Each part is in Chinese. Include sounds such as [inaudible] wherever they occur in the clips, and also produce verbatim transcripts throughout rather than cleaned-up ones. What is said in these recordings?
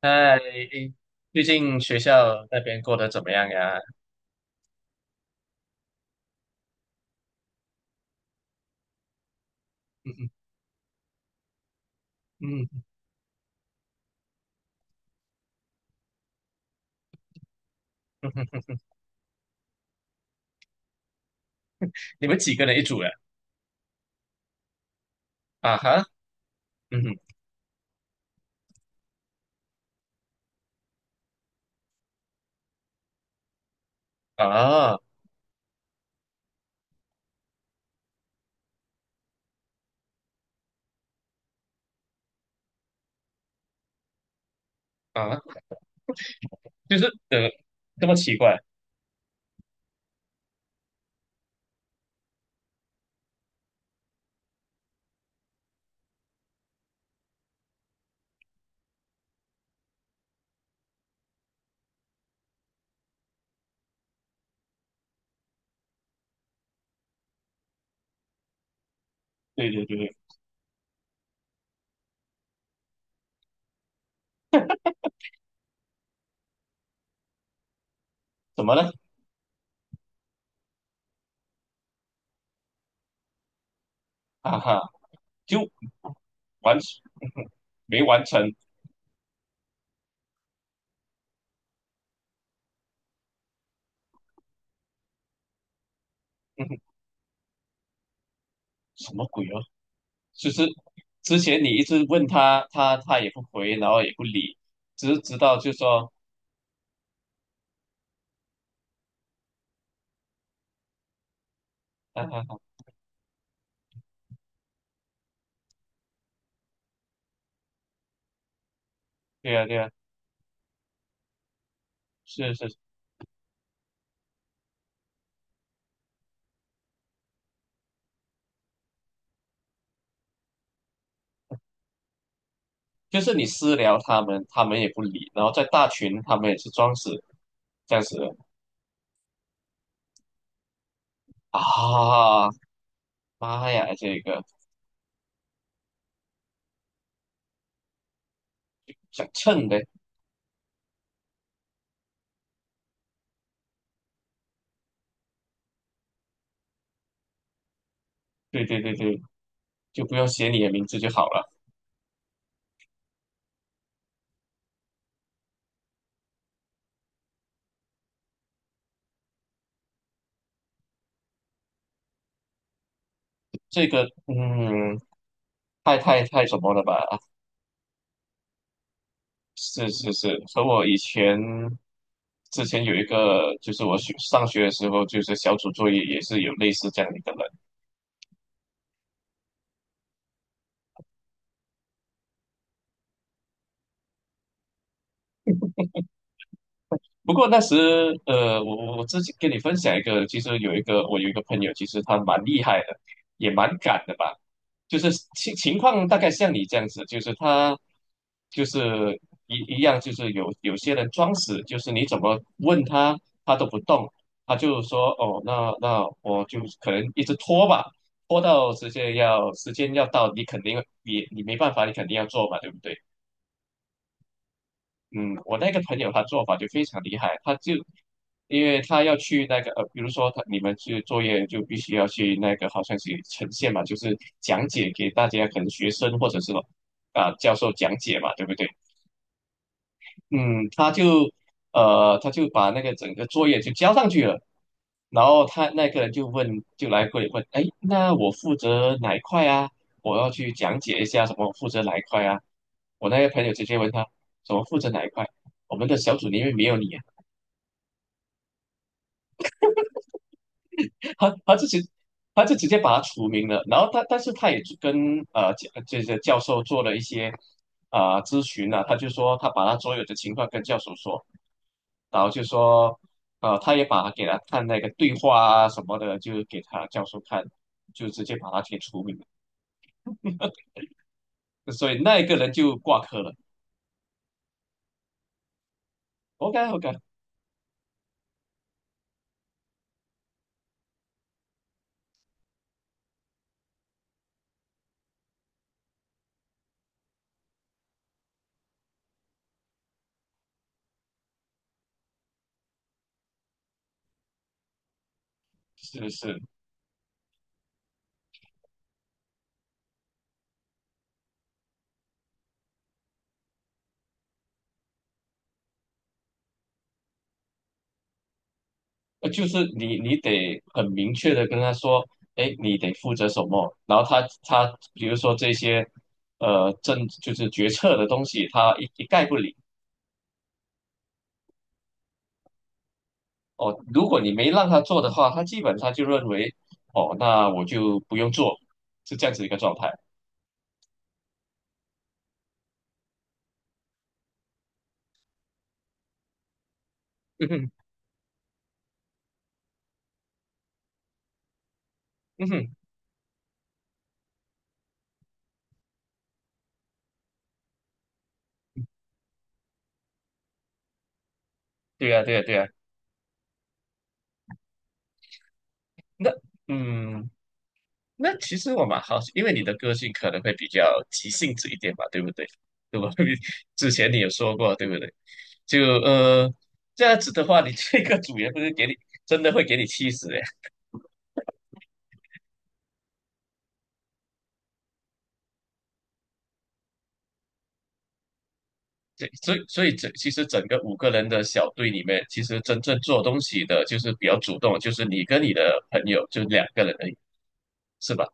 哎，最近学校那边过得怎么样呀？嗯哼。嗯哼。嗯哼，你们几个人一组呀？啊哈。嗯哼。啊啊，就是呃，这么奇怪？对对对对。怎么了？啊哈，就完，嗯哼，没完成。嗯哼。什么鬼哦？就是之前你一直问他，他他也不回，然后也不理，直直到就说，啊哈哈。对呀对呀，是是。就是你私聊他们，他们也不理，然后在大群他们也是装死这样子的啊。妈呀，这个想蹭的。对对对对，就不用写你的名字就好了。这个嗯，太太太什么了吧？是是是，和我以前之前有一个，就是我学上学的时候，就是小组作业也是有类似这样的一个人。不过那时，呃，我我我自己跟你分享一个，其实有一个我有一个朋友，其实他蛮厉害的，也蛮敢的吧。就是情情况大概像你这样子，就是他就是一一样，就是有有些人装死，就是你怎么问他，他都不动，他就说哦，那那我就可能一直拖吧，拖到时间要时间要到，你肯定也你没办法，你肯定要做嘛，对不对？嗯，我那个朋友他做法就非常厉害，他就因为他要去那个呃，比如说他你们去作业就必须要去那个好像是呈现嘛，就是讲解给大家，可能学生或者是啊、教授讲解嘛，对不对？嗯，他就呃，他就把那个整个作业就交上去了，然后他那个人就问，就来过来问，哎，那我负责哪一块啊？我要去讲解一下什么负责哪一块啊？我那个朋友直接问他，什么负责哪一块？我们的小组里面没有你啊。他他就直他就直接把他除名了。然后他但是他也跟呃教这些教授做了一些啊、咨询啊，他就说他把他所有的情况跟教授说，然后就说呃他也把他给他看那个对话啊什么的，就给他教授看，就直接把他给除名了。所以那一个人就挂科了。OK OK。是是。呃，就是你你得很明确的跟他说，哎，你得负责什么，然后他他比如说这些，呃，政就是决策的东西，他一一概不理。哦，如果你没让他做的话，他基本上就认为，哦，那我就不用做，是这样子一个状态。嗯哼。嗯哼。对呀，对呀，对呀。那嗯，那其实我蛮好奇，因为你的个性可能会比较急性子一点吧，对不对？对吧？[laughs] 之前你有说过，对不对？就呃这样子的话，你这个组员不是给你真的会给你气死的。对，所以所以整其实整个五个人的小队里面，其实真正做东西的就是比较主动，就是你跟你的朋友就两个人而已，是吧？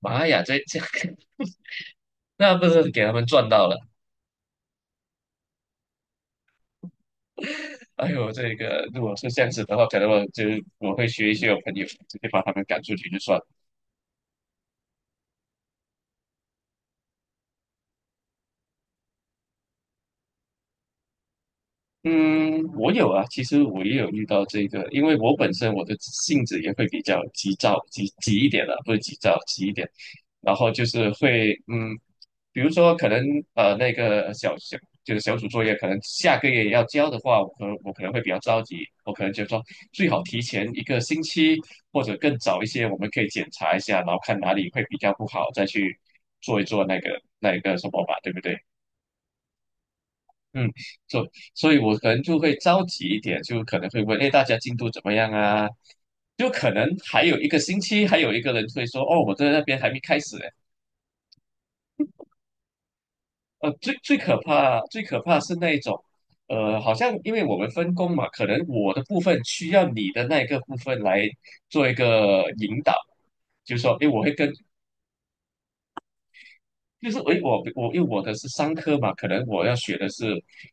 妈呀，这这个 [laughs] 那不是给他们赚到了？哎呦，这个如果是这样子的话，可能我就我会学一些我朋友，直接把他们赶出去就算了。嗯，我有啊，其实我也有遇到这个，因为我本身我的性子也会比较急躁，急急一点的，不是急躁，急一点，然后就是会，嗯，比如说可能呃那个小小就是小组作业，可能下个月要交的话，我可能我可能会比较着急，我可能就说最好提前一个星期或者更早一些，我们可以检查一下，然后看哪里会比较不好，再去做一做那个那个什么吧，对不对？嗯，所所以，我可能就会着急一点，就可能会问，哎，大家进度怎么样啊？就可能还有一个星期，还有一个人会说，哦，我在那边还没开始呢。呃，最最可怕，最可怕是那一种，呃，好像因为我们分工嘛，可能我的部分需要你的那个部分来做一个引导，就是说，哎，我会跟就是诶，我我因为我的是商科嘛，可能我要学的是，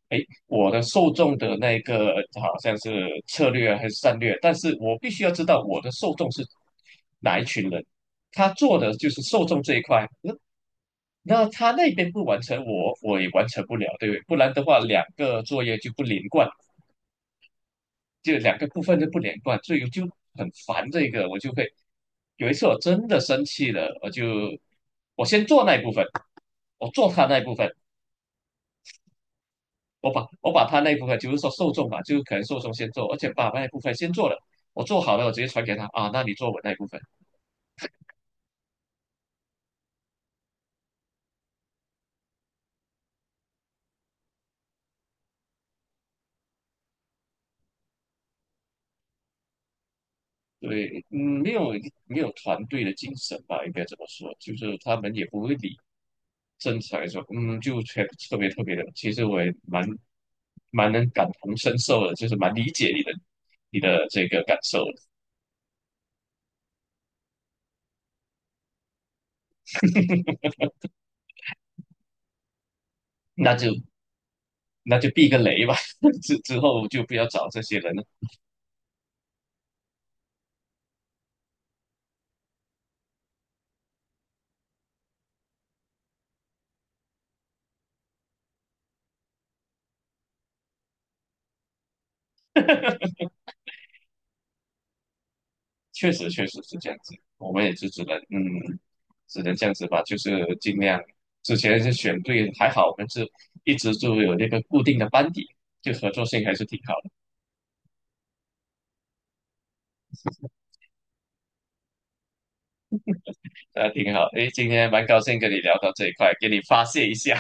诶，我的受众的那个好像是策略啊还是战略，但是我必须要知道我的受众是哪一群人，他做的就是受众这一块，那那他那边不完成我，我也完成不了，对不对？不然的话，两个作业就不连贯，就两个部分就不连贯，所以我就很烦这个，我就会有一次我真的生气了，我就我先做那一部分，我做他那一部分。我把我把他那一部分，就是说受众嘛，就是可能受众先做，而且把那一部分先做了，我做好了，我直接传给他啊，那你做我那一部分。对，嗯，没有没有团队的精神吧，应该这么说，就是他们也不会理正常来说，嗯，就全特别特别的。其实我也蛮蛮能感同身受的，就是蛮理解你的你的这个感受的。那就那就避个雷吧，[laughs] 之之后就不要找这些人了。[laughs] 确实确实是这样子，我们也是只能嗯，只能这样子吧，就是尽量之前是选对，还好我们是一直就有那个固定的班底，就合作性还是挺好的，那挺好。诶，今天蛮高兴跟你聊到这一块，给你发泄一下。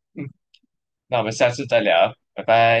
[laughs] 那我们下次再聊，拜拜。